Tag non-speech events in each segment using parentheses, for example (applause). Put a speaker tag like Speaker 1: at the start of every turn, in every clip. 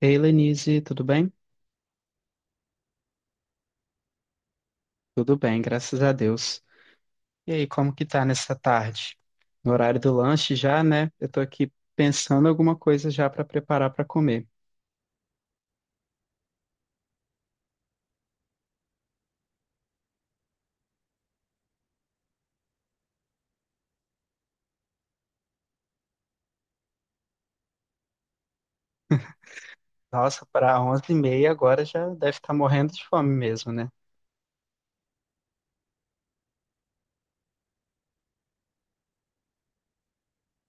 Speaker 1: Ei, Lenise, tudo bem? Tudo bem, graças a Deus. E aí, como que tá nessa tarde? No horário do lanche já, né? Eu tô aqui pensando alguma coisa já para preparar para comer. Nossa, para onze e meia agora já deve estar morrendo de fome mesmo, né?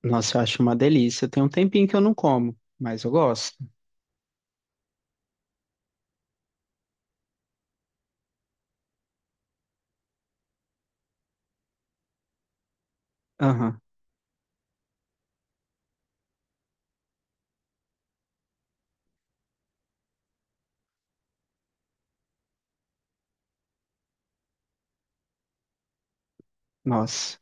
Speaker 1: Nossa, eu acho uma delícia. Tem um tempinho que eu não como, mas eu gosto. Aham, nossa.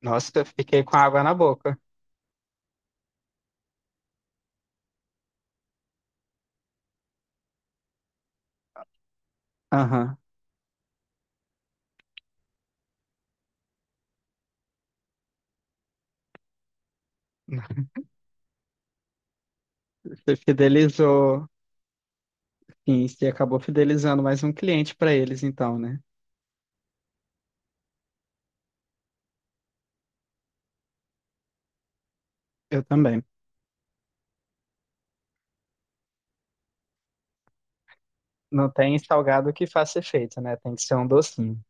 Speaker 1: Nossa, eu fiquei com água na boca. Aham. (laughs) Você fidelizou. Sim, você acabou fidelizando mais um cliente para eles, então, né? Eu também. Não tem salgado que faça efeito, né? Tem que ser um docinho.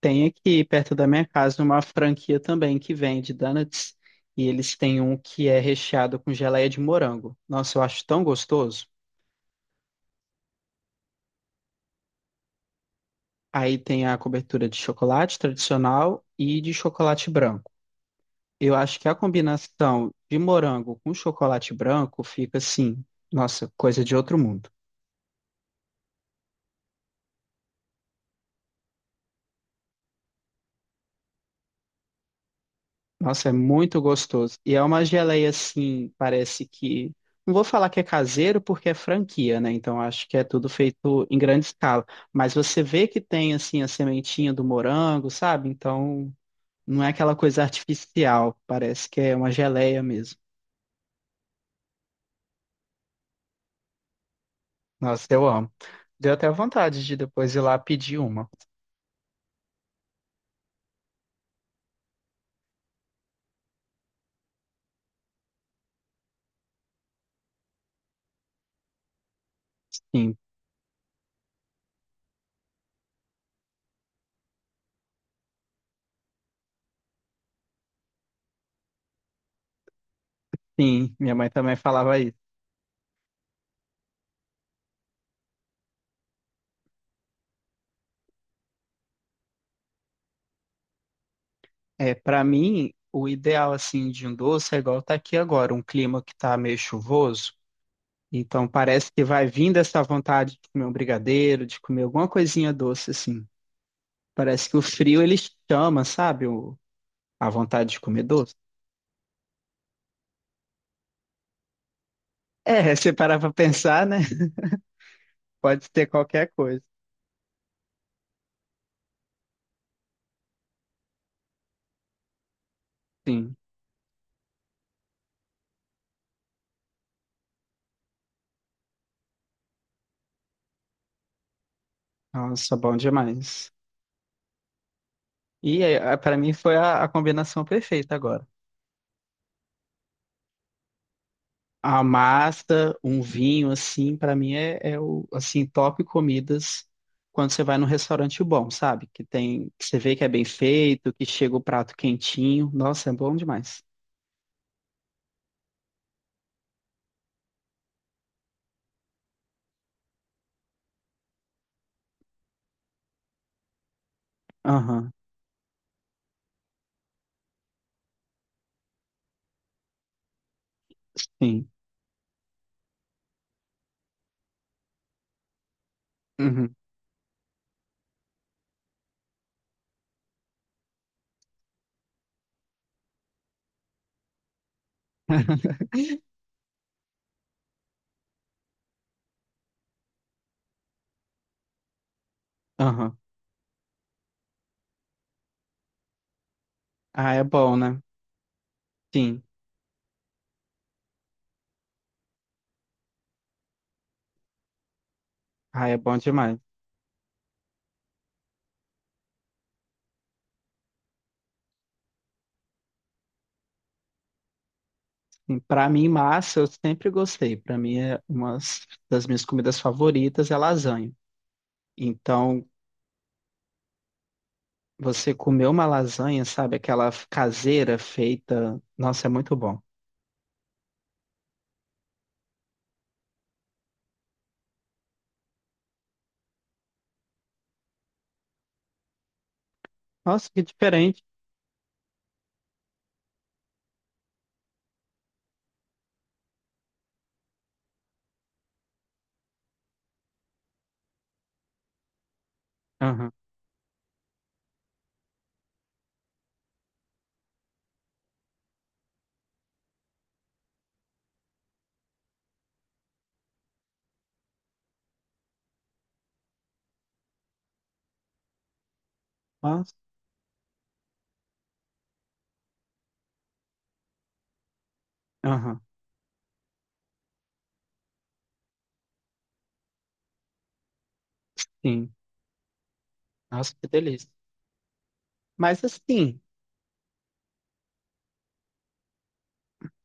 Speaker 1: Tem aqui perto da minha casa uma franquia também que vende donuts e eles têm um que é recheado com geleia de morango. Nossa, eu acho tão gostoso. Aí tem a cobertura de chocolate tradicional e de chocolate branco. Eu acho que a combinação de morango com chocolate branco fica assim, nossa, coisa de outro mundo. Nossa, é muito gostoso. E é uma geleia assim, parece que. Não vou falar que é caseiro porque é franquia, né? Então acho que é tudo feito em grande escala. Mas você vê que tem assim a sementinha do morango, sabe? Então não é aquela coisa artificial. Parece que é uma geleia mesmo. Nossa, eu amo. Deu até vontade de depois ir lá pedir uma. Sim, sim. Minha mãe também falava isso. É, para mim, o ideal assim de um doce é igual tá aqui agora, um clima que tá meio chuvoso. Então parece que vai vindo essa vontade de comer um brigadeiro, de comer alguma coisinha doce assim. Parece que o frio ele chama, sabe? A vontade de comer doce. É, (laughs) se parar pra pensar, né? (laughs) Pode ser qualquer coisa. Sim. Nossa, bom demais. E é, para mim foi a combinação perfeita agora. A massa, um vinho, assim, pra mim é, é o, assim, top comidas quando você vai num restaurante bom, sabe? Que tem, que você vê que é bem feito, que chega o prato quentinho. Nossa, é bom demais. Aham, sim. Uhum. (laughs) Aham. Ah, é bom, né? Sim. Ah, é bom demais. Sim, pra mim, massa, eu sempre gostei. Pra mim, é uma das minhas comidas favoritas é lasanha. Então, você comer uma lasanha, sabe? Aquela caseira feita. Nossa, é muito bom. Nossa, que diferente. Aham. Nossa. Aham. Sim. Nossa, que delícia. Mas assim,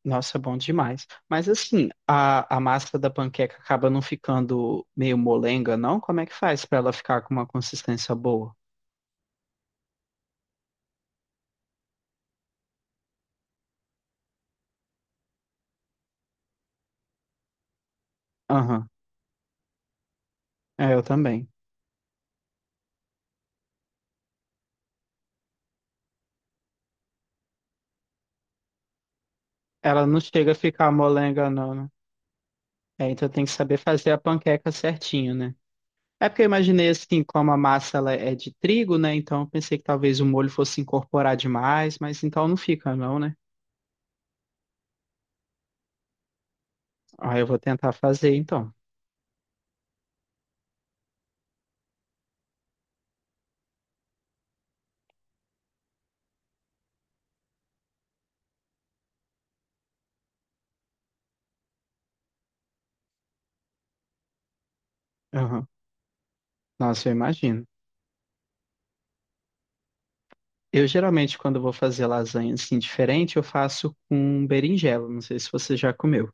Speaker 1: nossa, bom demais. Mas assim, a massa da panqueca acaba não ficando meio molenga, não? Como é que faz pra ela ficar com uma consistência boa? Aham. É, eu também. Ela não chega a ficar molenga, não, né? É, então tem que saber fazer a panqueca certinho, né? É porque eu imaginei assim, como a massa ela é de trigo, né? Então eu pensei que talvez o molho fosse incorporar demais, mas então não fica, não, né? Ah, eu vou tentar fazer então. Aham. Nossa, eu imagino. Eu geralmente, quando vou fazer lasanha assim diferente, eu faço com berinjela. Não sei se você já comeu.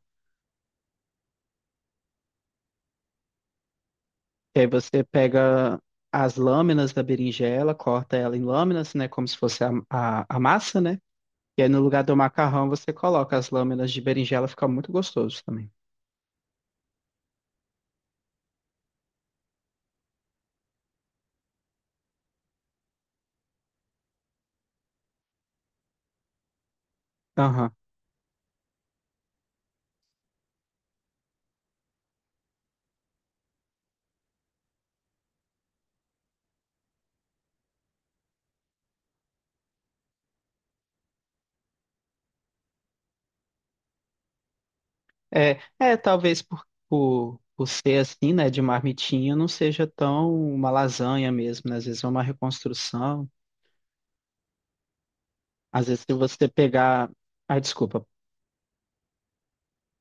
Speaker 1: E aí você pega as lâminas da berinjela, corta ela em lâminas, né? Como se fosse a massa, né? E aí, no lugar do macarrão, você coloca as lâminas de berinjela, fica muito gostoso também. Aham. É, é, talvez por ser assim, né, de marmitinha, não seja tão uma lasanha mesmo, né? Às vezes é uma reconstrução. Às vezes, se você pegar. Ah, desculpa,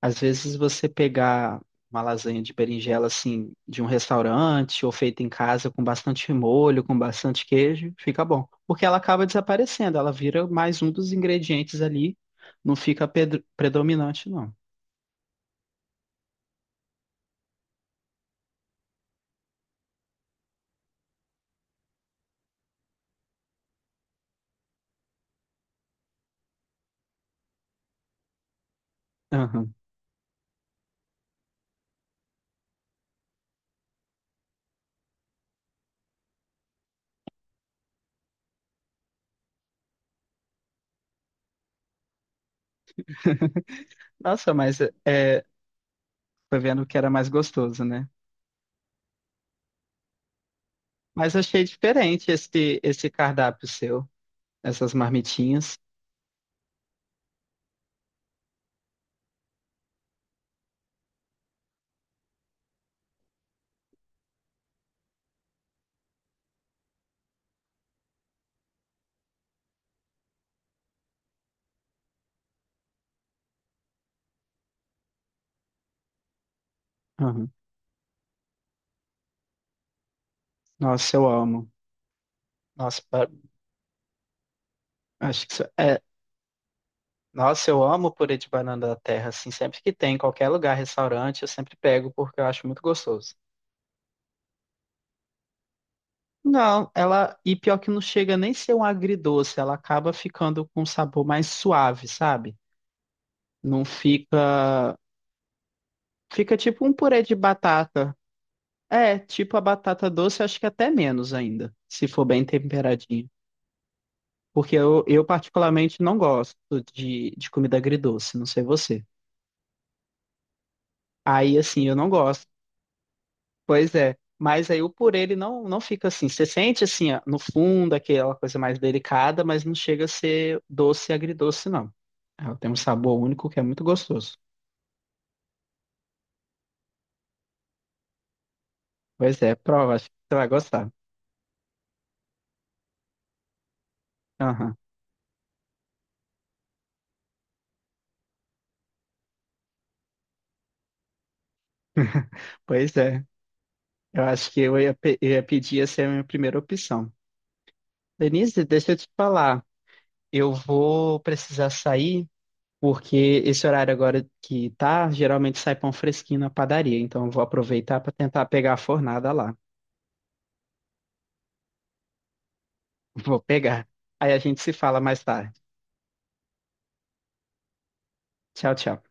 Speaker 1: às vezes você pegar uma lasanha de berinjela assim de um restaurante ou feita em casa com bastante molho, com bastante queijo, fica bom, porque ela acaba desaparecendo, ela vira mais um dos ingredientes ali, não fica predominante não. Aham. Nossa, mas é, foi vendo que era mais gostoso, né? Mas achei diferente esse cardápio seu, essas marmitinhas. Aham. Nossa, eu amo. Nossa, pa- acho que isso é nossa, eu amo purê de banana da terra, assim, sempre que tem, em qualquer lugar, restaurante, eu sempre pego porque eu acho muito gostoso. Não, ela, e pior que não chega nem ser um agridoce, ela acaba ficando com um sabor mais suave, sabe? Não fica, fica tipo um purê de batata. É, tipo a batata doce, acho que até menos ainda, se for bem temperadinho. Porque eu particularmente não gosto de comida agridoce, não sei você. Aí, assim, eu não gosto. Pois é, mas aí o purê ele não, não fica assim. Você sente assim, ó, no fundo, aquela coisa mais delicada, mas não chega a ser doce e agridoce, não. Ela tem um sabor único que é muito gostoso. Pois é, prova, acho que você vai gostar. Aham, pois é, eu acho que eu ia, eu ia pedir essa é a minha primeira opção. Denise, deixa eu te falar, eu vou precisar sair, porque esse horário agora que tá, geralmente sai pão fresquinho na padaria, então eu vou aproveitar para tentar pegar a fornada lá. Vou pegar. Aí a gente se fala mais tarde. Tchau, tchau.